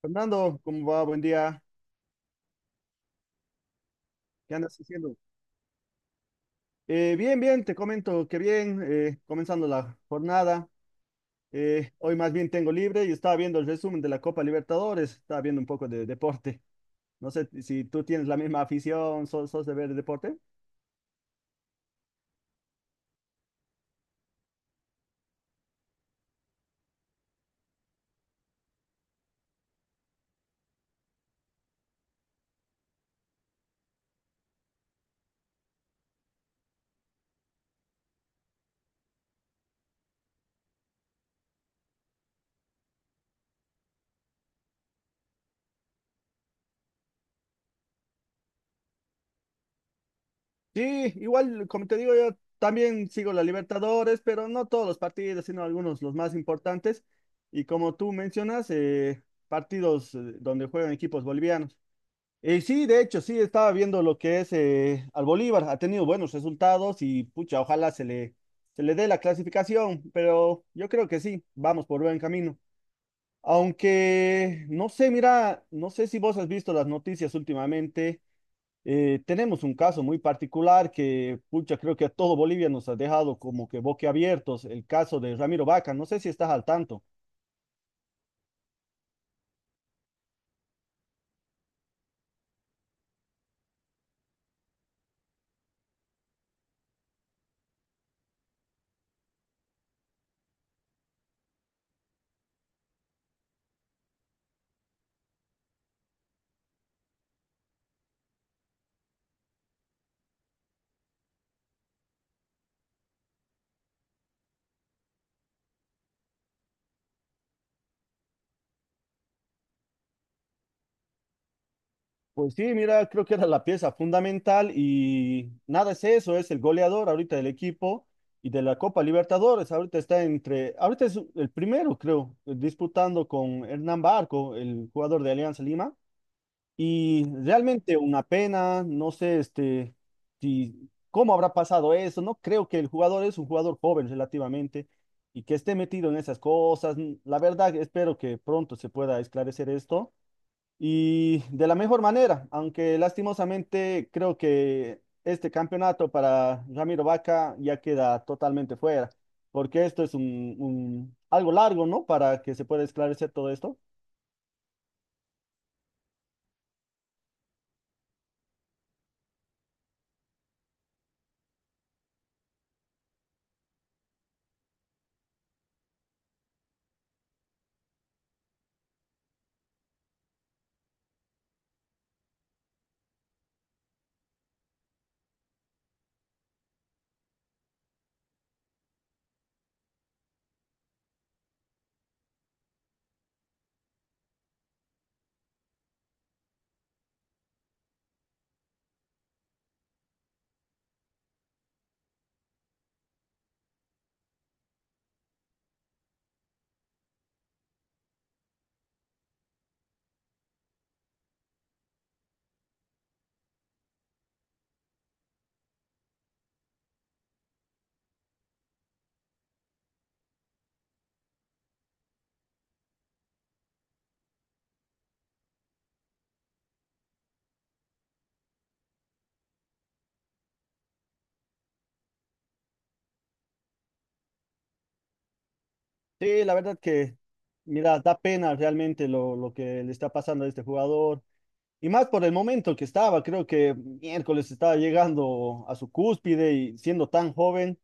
Fernando, ¿cómo va? Buen día. ¿Qué andas haciendo? Bien, te comento que bien, comenzando la jornada. Hoy más bien tengo libre y estaba viendo el resumen de la Copa Libertadores, estaba viendo un poco de deporte. No sé si tú tienes la misma afición, sos de ver deporte. Sí, igual, como te digo, yo también sigo la Libertadores, pero no todos los partidos, sino algunos, los más importantes. Y como tú mencionas, partidos donde juegan equipos bolivianos. Sí, de hecho, sí, estaba viendo lo que es al Bolívar, ha tenido buenos resultados y pucha, se le dé la clasificación, pero yo creo que sí, vamos por buen camino. Aunque, no sé, mira, no sé si vos has visto las noticias últimamente, tenemos un caso muy particular que, pucha, creo que a todo Bolivia nos ha dejado como que boquiabiertos, el caso de Ramiro Vaca, no sé si estás al tanto. Pues sí, mira, creo que era la pieza fundamental y nada, es eso, es el goleador ahorita del equipo y de la Copa Libertadores. Ahorita es el primero, creo, disputando con Hernán Barco, el jugador de Alianza Lima. Y realmente una pena, no sé, este, si, cómo habrá pasado eso. No creo que el jugador es un jugador joven relativamente y que esté metido en esas cosas. La verdad, espero que pronto se pueda esclarecer esto y de la mejor manera, aunque lastimosamente creo que este campeonato para Ramiro Vaca ya queda totalmente fuera, porque esto es algo largo, ¿no? Para que se pueda esclarecer todo esto. Sí, la verdad que, mira, da pena realmente lo que le está pasando a este jugador. Y más por el momento que estaba, creo que miércoles estaba llegando a su cúspide y siendo tan joven.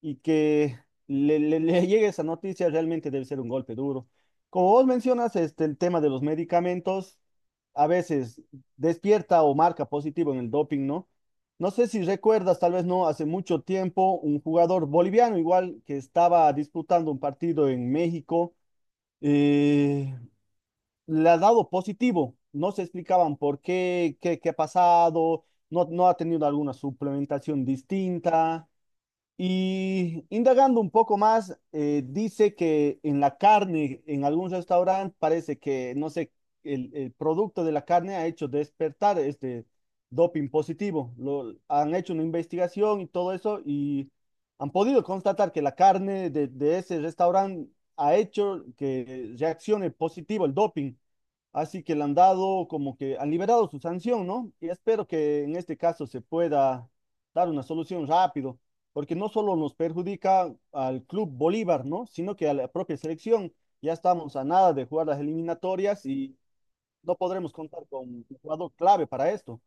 Y que le llegue esa noticia realmente debe ser un golpe duro. Como vos mencionas, este, el tema de los medicamentos a veces despierta o marca positivo en el doping, ¿no? No sé si recuerdas, tal vez no, hace mucho tiempo, un jugador boliviano igual que estaba disputando un partido en México, eh, le ha dado positivo. No se explicaban por qué, qué ha pasado, no ha tenido alguna suplementación distinta. Y indagando un poco más, dice que en la carne, en algún restaurante, parece que, no sé, el producto de la carne ha hecho despertar este doping positivo. Lo, han hecho una investigación y todo eso y han podido constatar que la carne de ese restaurante ha hecho que reaccione positivo el doping. Así que le han dado como que han liberado su sanción, ¿no? Y espero que en este caso se pueda dar una solución rápido, porque no solo nos perjudica al Club Bolívar, ¿no? Sino que a la propia selección. Ya estamos a nada de jugar las eliminatorias y no podremos contar con un jugador clave para esto.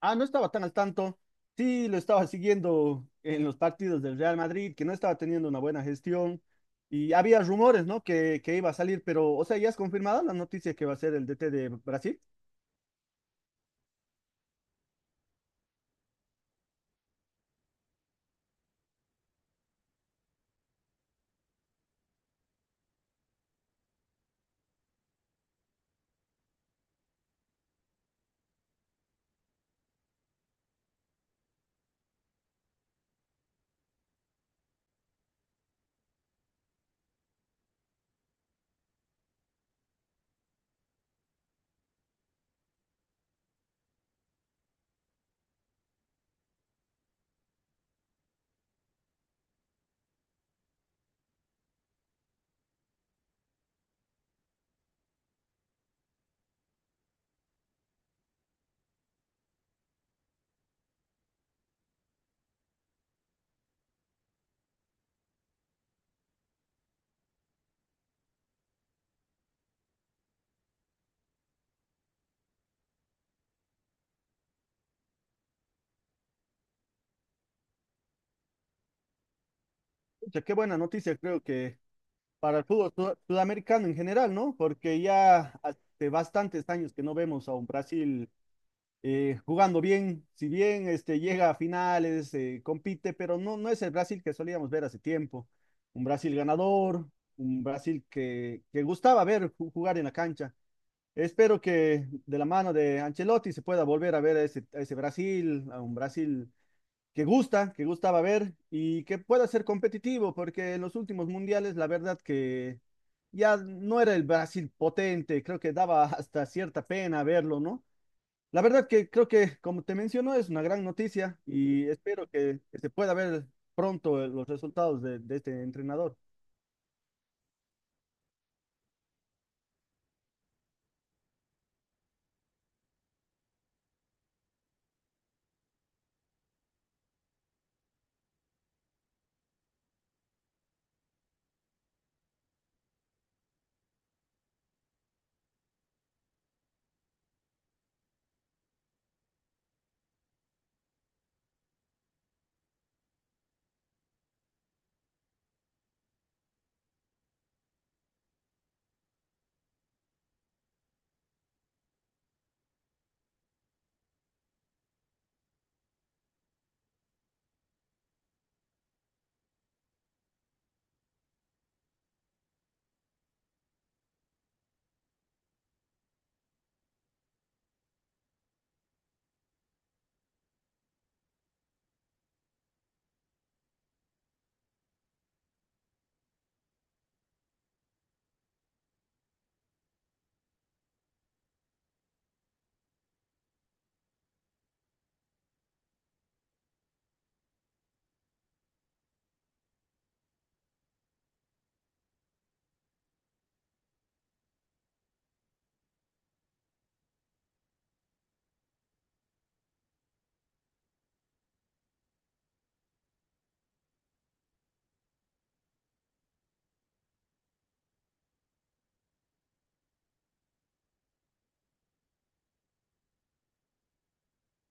Ah, no estaba tan al tanto. Sí, lo estaba siguiendo en los partidos del Real Madrid, que no estaba teniendo una buena gestión. Y había rumores, ¿no? Que iba a salir, pero, o sea, ya es confirmada la noticia que va a ser el DT de Brasil. Pucha, qué buena noticia, creo que para el fútbol sudamericano en general, ¿no? Porque ya hace bastantes años que no vemos a un Brasil jugando bien, si bien este, llega a finales, compite, pero no, no es el Brasil que solíamos ver hace tiempo. Un Brasil ganador, un Brasil que gustaba ver jugar en la cancha. Espero que de la mano de Ancelotti se pueda volver a ver a a ese Brasil, a un Brasil que gusta, que gustaba ver y que pueda ser competitivo, porque en los últimos mundiales la verdad que ya no era el Brasil potente, creo que daba hasta cierta pena verlo, ¿no? La verdad que creo que, como te menciono, es una gran noticia y espero que se pueda ver pronto los resultados de este entrenador.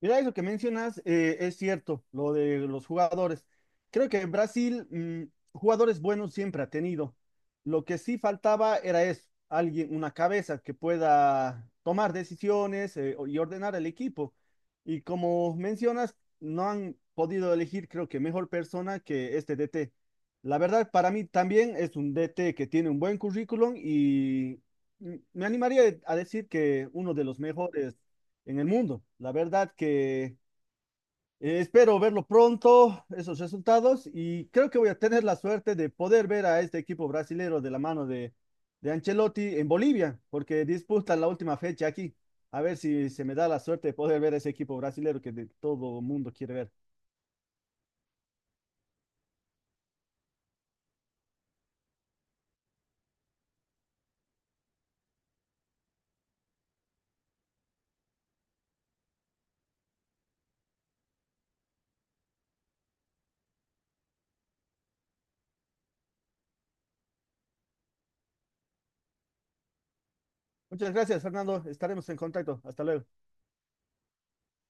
Mira, eso que mencionas es cierto, lo de los jugadores. Creo que Brasil mm, jugadores buenos siempre ha tenido. Lo que sí faltaba era eso, alguien, una cabeza que pueda tomar decisiones y ordenar el equipo. Y como mencionas, no han podido elegir, creo que mejor persona que este DT. La verdad, para mí también es un DT que tiene un buen currículum y mm, me animaría a decir que uno de los mejores en el mundo. La verdad que espero verlo pronto, esos resultados, y creo que voy a tener la suerte de poder ver a este equipo brasilero de la mano de Ancelotti en Bolivia, porque disputa la última fecha aquí. A ver si se me da la suerte de poder ver ese equipo brasilero que de todo mundo quiere ver. Muchas gracias, Fernando. Estaremos en contacto. Hasta luego.